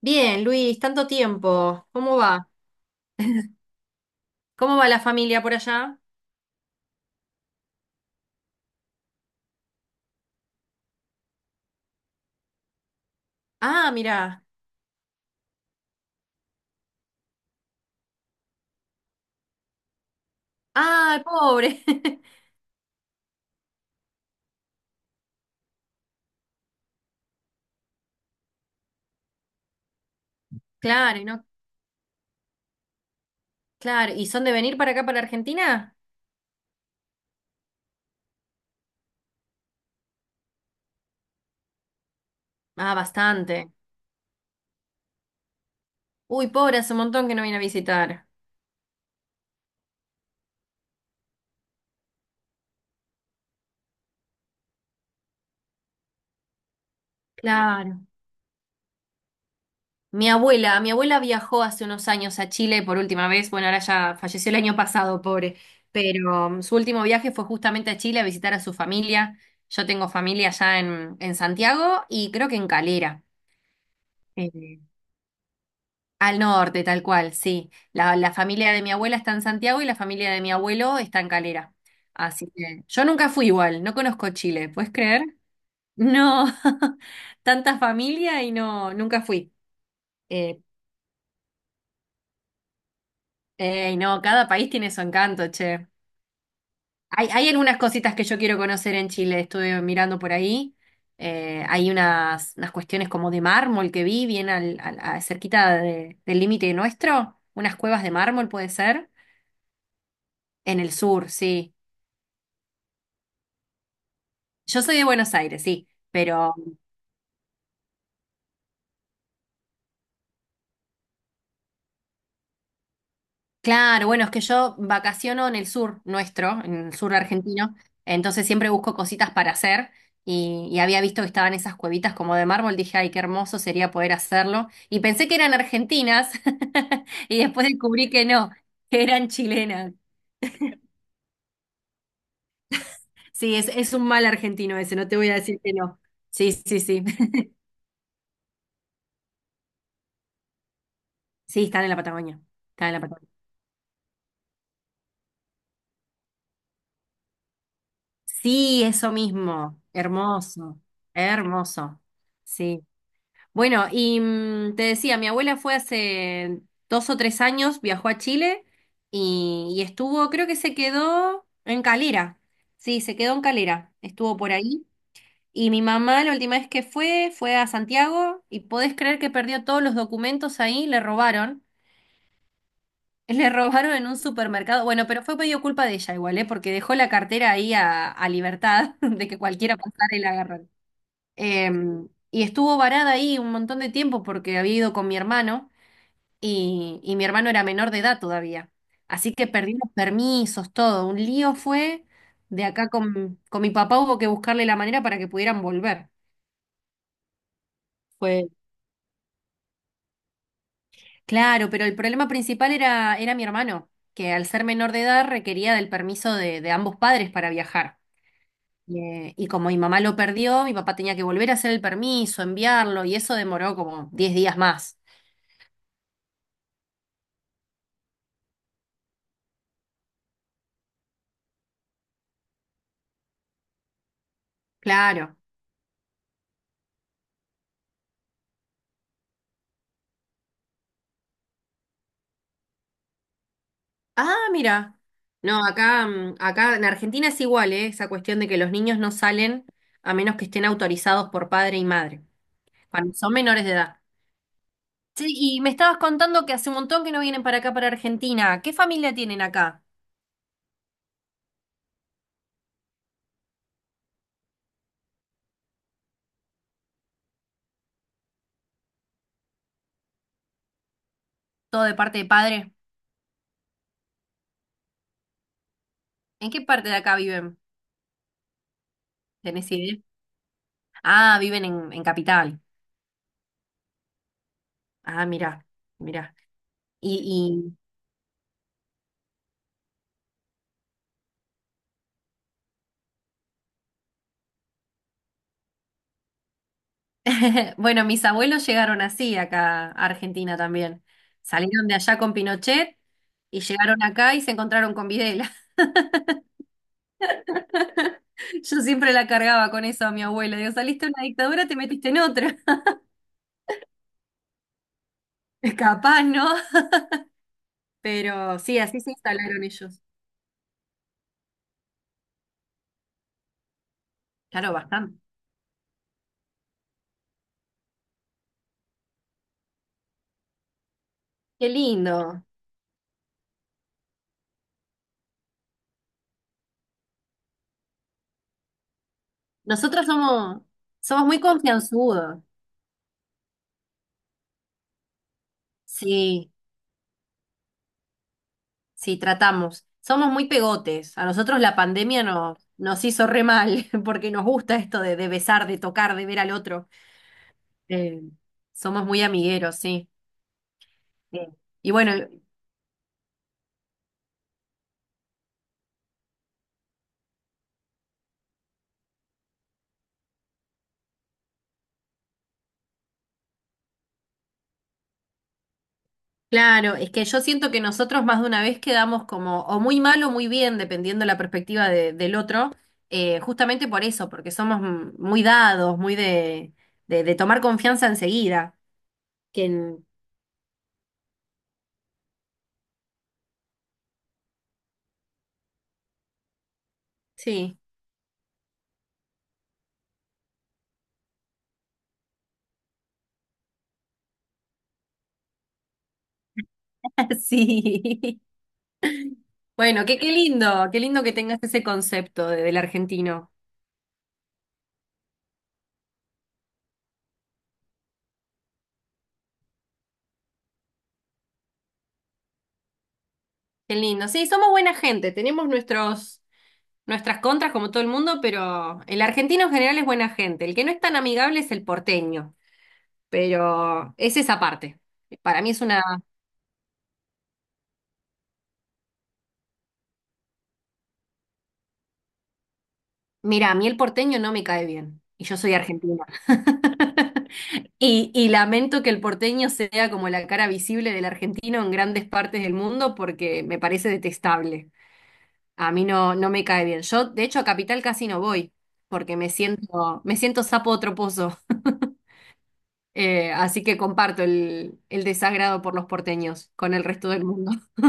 Bien, Luis, tanto tiempo. ¿Cómo va? ¿Cómo va la familia por allá? Ah, mira. Ah, pobre. Claro, y no, claro. ¿Y son de venir para acá, para Argentina? Ah, bastante. Uy, pobre, hace un montón que no viene a visitar. Claro. Mi abuela viajó hace unos años a Chile por última vez. Bueno, ahora ya falleció el año pasado, pobre. Pero su último viaje fue justamente a Chile a visitar a su familia. Yo tengo familia allá en Santiago y creo que en Calera. Eh, Al norte, tal cual, sí. La familia de mi abuela está en Santiago y la familia de mi abuelo está en Calera. Así que yo nunca fui igual, no conozco Chile, ¿puedes creer? No, tanta familia y no, nunca fui. Eh, ey, no, cada país tiene su encanto, che. Hay algunas cositas que yo quiero conocer en Chile, estuve mirando por ahí. Hay unas cuestiones como de mármol que vi, bien cerquita del límite nuestro, unas cuevas de mármol puede ser. En el sur, sí. Yo soy de Buenos Aires, sí, pero claro, bueno, es que yo vacaciono en el sur nuestro, en el sur argentino, entonces siempre busco cositas para hacer y había visto que estaban esas cuevitas como de mármol, dije, ay, qué hermoso sería poder hacerlo y pensé que eran argentinas y después descubrí que no, que eran chilenas. Sí, es un mal argentino ese, no te voy a decir que no. Sí, sí, sí. Sí, están en la Patagonia. Sí, eso mismo, hermoso, hermoso. Sí. Bueno, y te decía, mi abuela fue hace 2 o 3 años, viajó a Chile y estuvo, creo que se quedó en Calera. Sí, se quedó en Calera, estuvo por ahí. Y mi mamá la última vez que fue, fue a Santiago y podés creer que perdió todos los documentos ahí, le robaron. Le robaron en un supermercado. Bueno, pero fue medio culpa de ella igual, ¿eh? Porque dejó la cartera ahí a libertad de que cualquiera pasara y la agarrara. Y estuvo varada ahí un montón de tiempo porque había ido con mi hermano y mi hermano era menor de edad todavía. Así que perdí los permisos, todo. Un lío fue. De acá con mi papá hubo que buscarle la manera para que pudieran volver. Fue. Claro, pero el problema principal era mi hermano, que al ser menor de edad requería del permiso de ambos padres para viajar. Y como mi mamá lo perdió, mi papá tenía que volver a hacer el permiso, enviarlo, y eso demoró como 10 días más. Claro. Ah, mira. No, acá, acá en Argentina es igual, ¿eh? Esa cuestión de que los niños no salen a menos que estén autorizados por padre y madre, cuando son menores de edad. Sí, y me estabas contando que hace un montón que no vienen para acá, para Argentina. ¿Qué familia tienen acá? ¿Todo de parte de padre? ¿En qué parte de acá viven? ¿Tenés idea? Ah, viven en Capital. Ah, mira, mira. ¿Y, bueno, mis abuelos llegaron así acá a Argentina también. Salieron de allá con Pinochet y llegaron acá y se encontraron con Videla. Yo siempre la cargaba con eso a mi abuela. Digo, saliste de una dictadura, te metiste en otra. Capaz, ¿no? Pero sí, así se instalaron ellos. Claro, bastante. Qué lindo. Nosotros somos muy confianzudos. Sí. Sí, tratamos. Somos muy pegotes. A nosotros la pandemia nos hizo re mal, porque nos gusta esto de besar, de tocar, de ver al otro. Eh, Somos muy amigueros, sí. Sí. Y bueno, claro, es que yo siento que nosotros más de una vez quedamos como o muy mal o muy bien, dependiendo la perspectiva del otro, justamente por eso, porque somos muy dados, muy de tomar confianza enseguida. Que, en- sí, sí. Bueno, qué lindo, qué lindo que tengas ese concepto del argentino. Qué lindo. Sí, somos buena gente, tenemos nuestras contras como todo el mundo, pero el argentino en general es buena gente. El que no es tan amigable es el porteño, pero es esa parte. Para mí es una... Mira, a mí el porteño no me cae bien y yo soy argentina. Y lamento que el porteño sea como la cara visible del argentino en grandes partes del mundo porque me parece detestable. A mí no, no me cae bien. Yo, de hecho, a Capital casi no voy, porque me siento sapo de otro pozo. Así que comparto el desagrado por los porteños con el resto del mundo.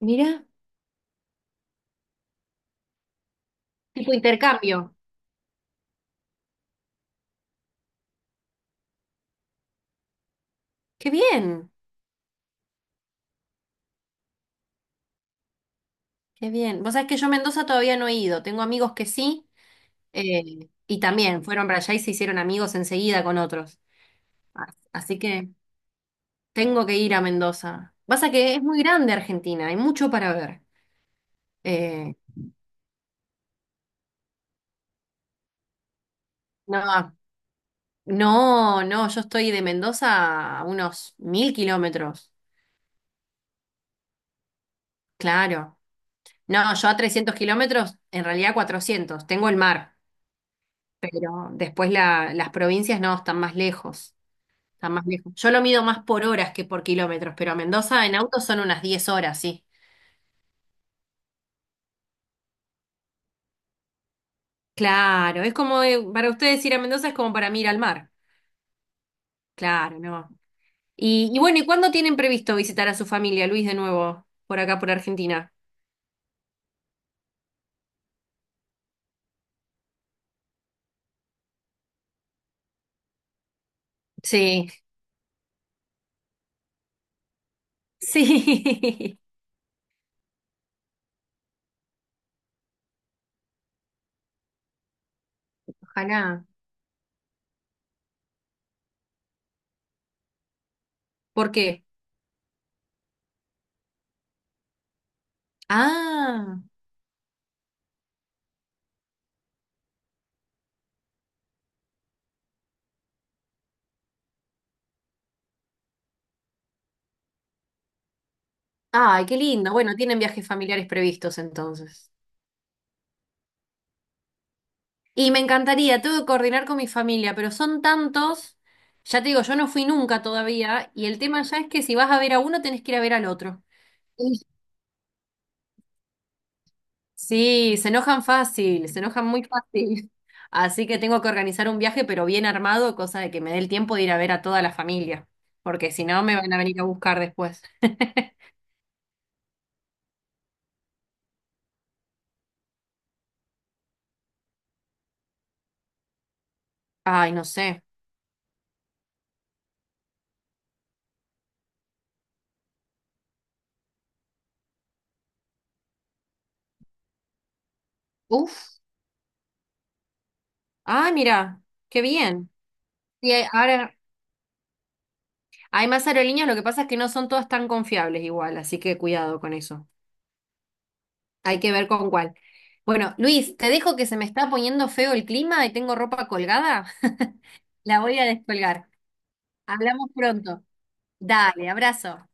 Mira, tipo intercambio. Qué bien, qué bien. Vos sabés que yo a Mendoza todavía no he ido. Tengo amigos que sí, y también fueron para allá y se hicieron amigos enseguida con otros. A- Así que tengo que ir a Mendoza. Pasa que es muy grande Argentina, hay mucho para ver. Eh, no, No, no, yo estoy de Mendoza a unos 1000 kilómetros, claro. No, yo a 300 kilómetros, en realidad 400. Tengo el mar, pero después las provincias no, están más lejos. Yo lo mido más por horas que por kilómetros, pero a Mendoza en auto son unas 10 horas, sí. Claro, es como, para ustedes ir a Mendoza es como para mí ir al mar, claro, no. Y bueno, ¿y cuándo tienen previsto visitar a su familia, Luis, de nuevo, por acá, por Argentina? Sí, sí. Ojalá. ¿Por qué? Ah, ay, qué lindo. Bueno, tienen viajes familiares previstos entonces. Y me encantaría, tengo que coordinar con mi familia, pero son tantos, ya te digo, yo no fui nunca todavía, y el tema ya es que si vas a ver a uno, tenés que ir a ver al otro. Sí, sí, se enojan fácil, se enojan muy fácil. Así que tengo que organizar un viaje, pero bien armado, cosa de que me dé el tiempo de ir a ver a toda la familia, porque si no, me van a venir a buscar después. Ay, no sé. Uf. Ah, mira, qué bien. Y ahora hay más aerolíneas, lo que pasa es que no son todas tan confiables igual, así que cuidado con eso. Hay que ver con cuál. Bueno, Luis, te dejo que se me está poniendo feo el clima y tengo ropa colgada. La voy a descolgar. Hablamos pronto. Dale, abrazo.